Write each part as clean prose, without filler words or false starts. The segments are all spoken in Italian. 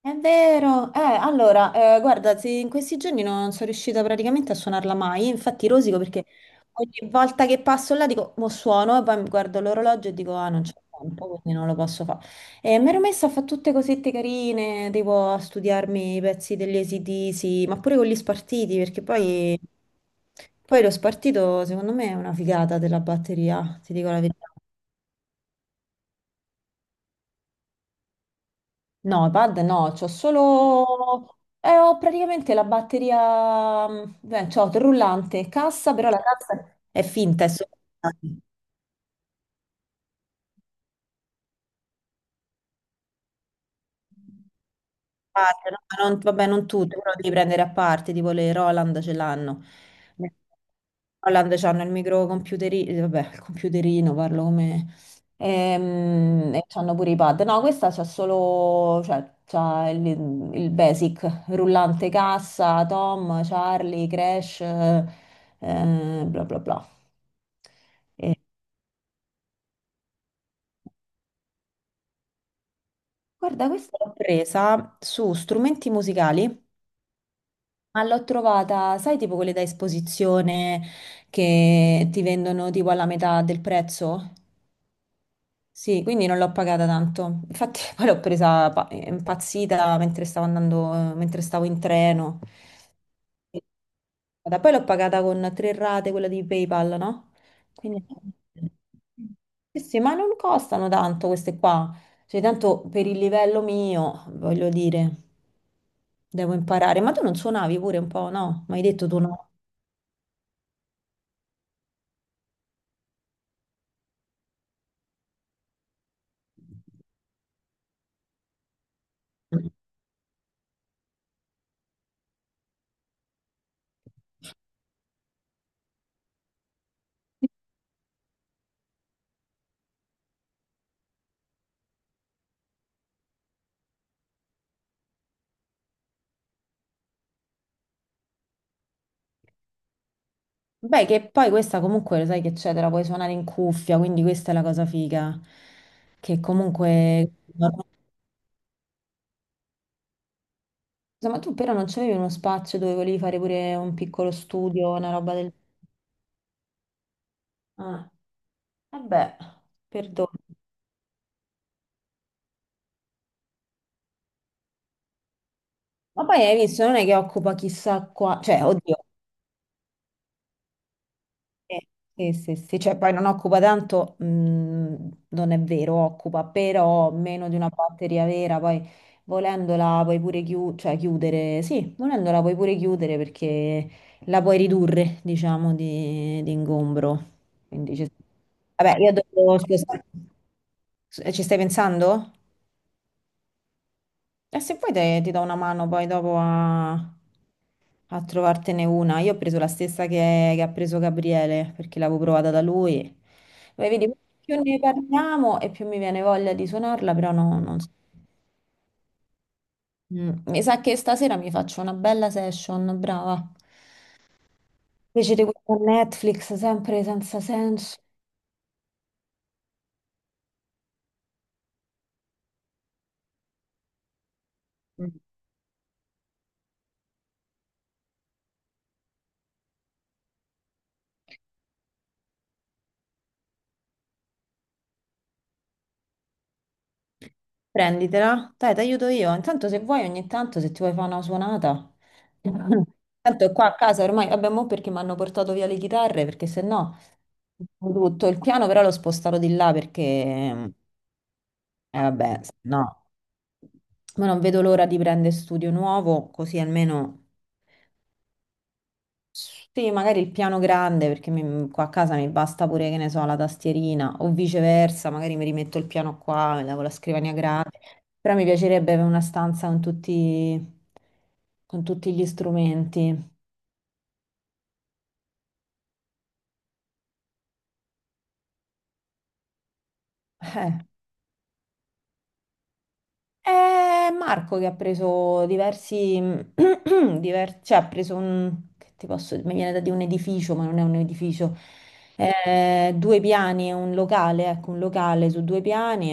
È vero, allora, guarda, sì, in questi giorni non sono riuscita praticamente a suonarla mai, infatti rosico perché ogni volta che passo là dico, mo suono e poi mi guardo l'orologio e dico, ah, non c'è tempo, quindi non lo posso fare. E mi ero messa a fare tutte cosette carine, tipo a studiarmi i pezzi degli ac ma pure con gli spartiti, perché poi lo spartito secondo me è una figata della batteria, ti dico la verità. No, pad no, c'ho solo... ho praticamente la batteria... beh, c'ho il rullante, cassa, però la cassa è finta, è solo... parte, no? Ma vabbè, non tutte, però devi prendere a parte, tipo le Roland ce l'hanno. Le Roland c'hanno il microcomputerino, vabbè, il computerino, parlo come... e c'hanno pure i pad. No, questa c'ha solo, cioè, il basic, rullante cassa, Tom, Charlie, Crash, bla bla bla. Eh, guarda, questa l'ho presa su strumenti musicali. Ma l'ho trovata, sai, tipo quelle da esposizione che ti vendono tipo alla metà del prezzo? Sì, quindi non l'ho pagata tanto. Infatti, poi l'ho presa impazzita mentre stavo andando, mentre stavo in treno. Sì, poi l'ho pagata con tre rate, quella di PayPal, no? Quindi... Sì, ma non costano tanto queste qua. Cioè, tanto per il livello mio, voglio dire, devo imparare. Ma tu non suonavi pure un po', no? Mi hai detto tu no. Beh, che poi questa comunque lo sai che c'è, te la puoi suonare in cuffia, quindi questa è la cosa figa. Che comunque... Ma tu però non c'avevi uno spazio dove volevi fare pure un piccolo studio, una roba del... Ah, vabbè, perdono. Ma poi hai visto, non è che occupa chissà qua... Cioè, oddio, eh, sì, cioè poi non occupa tanto, non è vero, occupa però meno di una batteria vera, poi volendola puoi pure cioè, chiudere, sì, volendola puoi pure chiudere perché la puoi ridurre, diciamo, di ingombro. Quindi, vabbè, io dopo, scusa, ci stai pensando? E se poi ti do una mano poi dopo a trovartene una. Io ho preso la stessa che ha preso Gabriele perché l'avevo provata da lui. Poi vedi, più ne parliamo e più mi viene voglia di suonarla, però no, non so. Mi sa che stasera mi faccio una bella session, brava. Invece di questa Netflix sempre senza senso. Prenditela, dai, ti aiuto io. Intanto se vuoi ogni tanto, se ti vuoi fare una suonata. Tanto qua a casa ormai, vabbè, mo perché mi hanno portato via le chitarre, perché se no, tutto il piano però l'ho spostato di là perché, vabbè, no. Ma non vedo l'ora di prendere studio nuovo, così almeno... Sì, magari il piano grande perché qua a casa mi basta pure, che ne so, la tastierina o viceversa, magari mi rimetto il piano qua, mi lavo la scrivania grande, però mi piacerebbe avere una stanza con tutti gli strumenti. Eh. È Marco che ha preso diversi, cioè ha preso un, che ti posso, mi viene da dire un edificio, ma non è un edificio, eh, due piani, è un locale, ecco, un locale su due piani,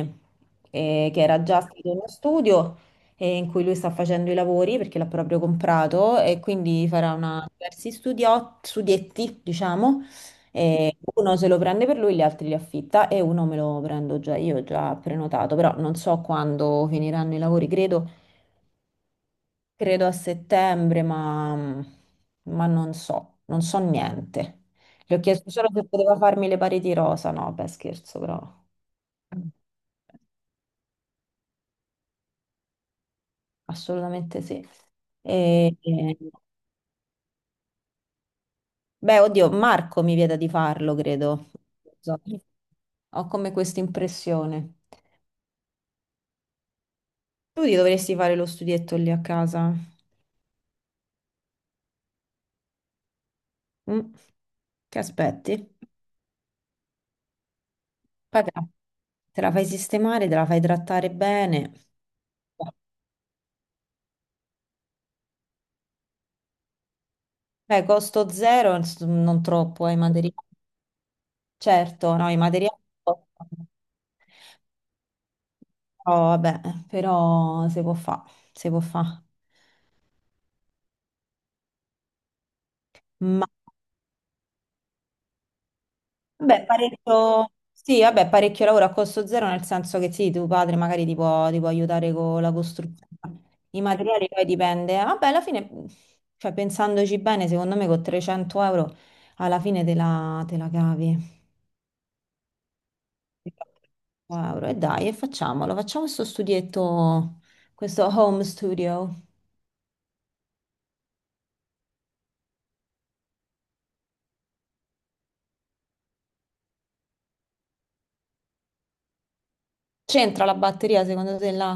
che era già stato uno studio, in cui lui sta facendo i lavori perché l'ha proprio comprato e quindi farà una, diversi studietti, diciamo, e uno se lo prende per lui, gli altri li affitta e uno me lo prendo già io, già prenotato, però non so quando finiranno i lavori, credo, credo a settembre, ma non so, non so niente. Le ho chiesto solo se poteva farmi le pareti rosa, no, beh scherzo, però assolutamente sì. E, e- beh, oddio, Marco mi vieta di farlo, credo. Non so. Ho come questa impressione. Tu ti dovresti fare lo studietto lì a casa? Mm. Che aspetti? Poi te la fai sistemare, te la fai trattare bene. Beh, costo zero, non troppo, ai materiali. Certo, no, i materiali costano. Però, vabbè, però si può fare, si può fare. Beh, parecchio, sì, vabbè, parecchio lavoro a costo zero, nel senso che sì, tuo padre magari ti può aiutare con la costruzione. I materiali poi dipende. Vabbè, alla fine, cioè, pensandoci bene, secondo me con 300 euro alla fine te la cavi. 300 euro. E dai, e facciamolo, facciamo questo studietto, questo home studio. C'entra la batteria secondo te là?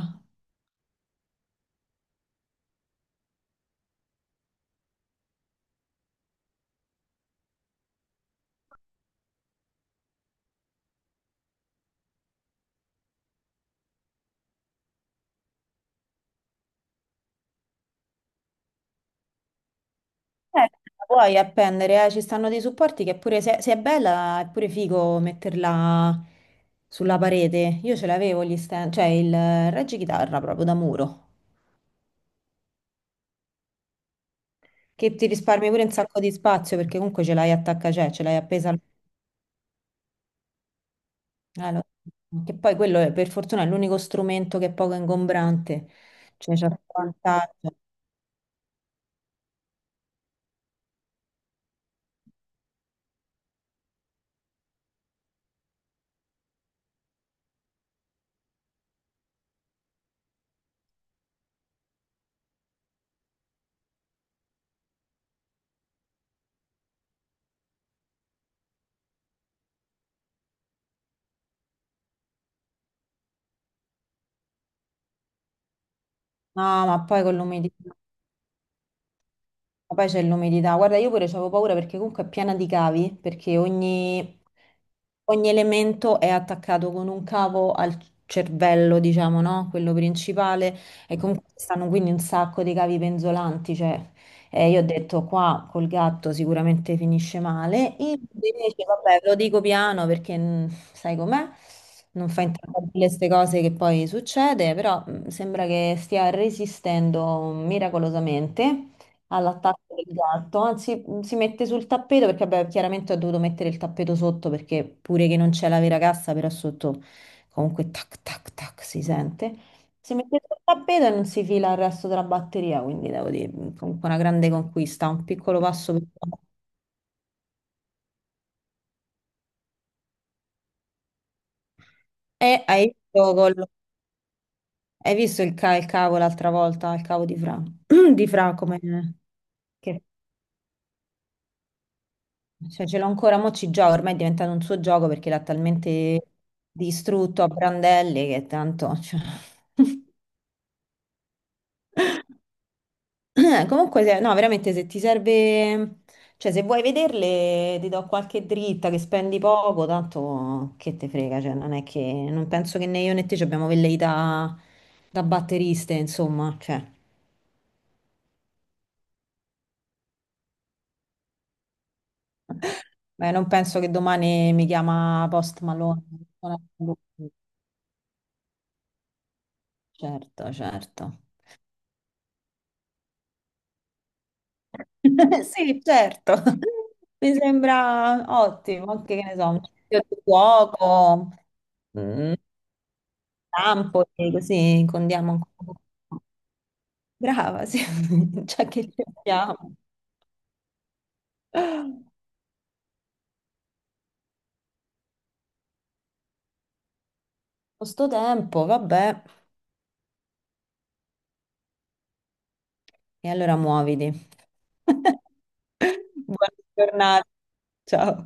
La puoi appendere, ci stanno dei supporti che pure se è bella è pure figo metterla sulla parete. Io ce l'avevo gli stand, cioè il reggichitarra proprio da muro, che ti risparmi pure un sacco di spazio perché comunque ce l'hai attacca, cioè ce l'hai appesa eh, lo- che poi quello per fortuna è l'unico strumento che è poco ingombrante, cioè c'è il vantaggio. No, ma poi con l'umidità. Ma poi c'è l'umidità. Guarda, io pure avevo paura perché comunque è piena di cavi, perché ogni elemento è attaccato con un cavo al cervello, diciamo, no? Quello principale. E comunque ci stanno quindi un sacco di cavi penzolanti, cioè, io ho detto qua col gatto sicuramente finisce male. Invece, vabbè, lo dico piano perché sai com'è, non fa intravedere queste cose che poi succede, però sembra che stia resistendo miracolosamente all'attacco del gatto, anzi si mette sul tappeto perché vabbè, chiaramente ho dovuto mettere il tappeto sotto perché pure che non c'è la vera cassa, però sotto comunque tac tac tac si sente. Si mette sul tappeto e non si fila il resto della batteria, quindi devo dire comunque una grande conquista, un piccolo passo per... E hai visto, hai visto il, il cavo l'altra volta, il cavo di Fra, di Fra come... Che cioè, ce l'ho ancora, mo ci gioco, ormai è diventato un suo gioco perché l'ha talmente distrutto a brandelli che tanto... cioè. Comunque, no, veramente se ti serve... Cioè, se vuoi vederle, ti do qualche dritta che spendi poco, tanto che te frega, cioè, non è che... Non penso che né io né te ci abbiamo velleità da batteriste, insomma, cioè... Beh, non penso che domani mi chiama Post Malone. Certo, certo. Sì, certo, mi sembra ottimo, anche che ne so, un sito di fuoco, un campo, e così condiamo un po'. Brava, sì, già che ci siamo. Con sto tempo, vabbè, e allora muoviti. Buona giornata, ciao.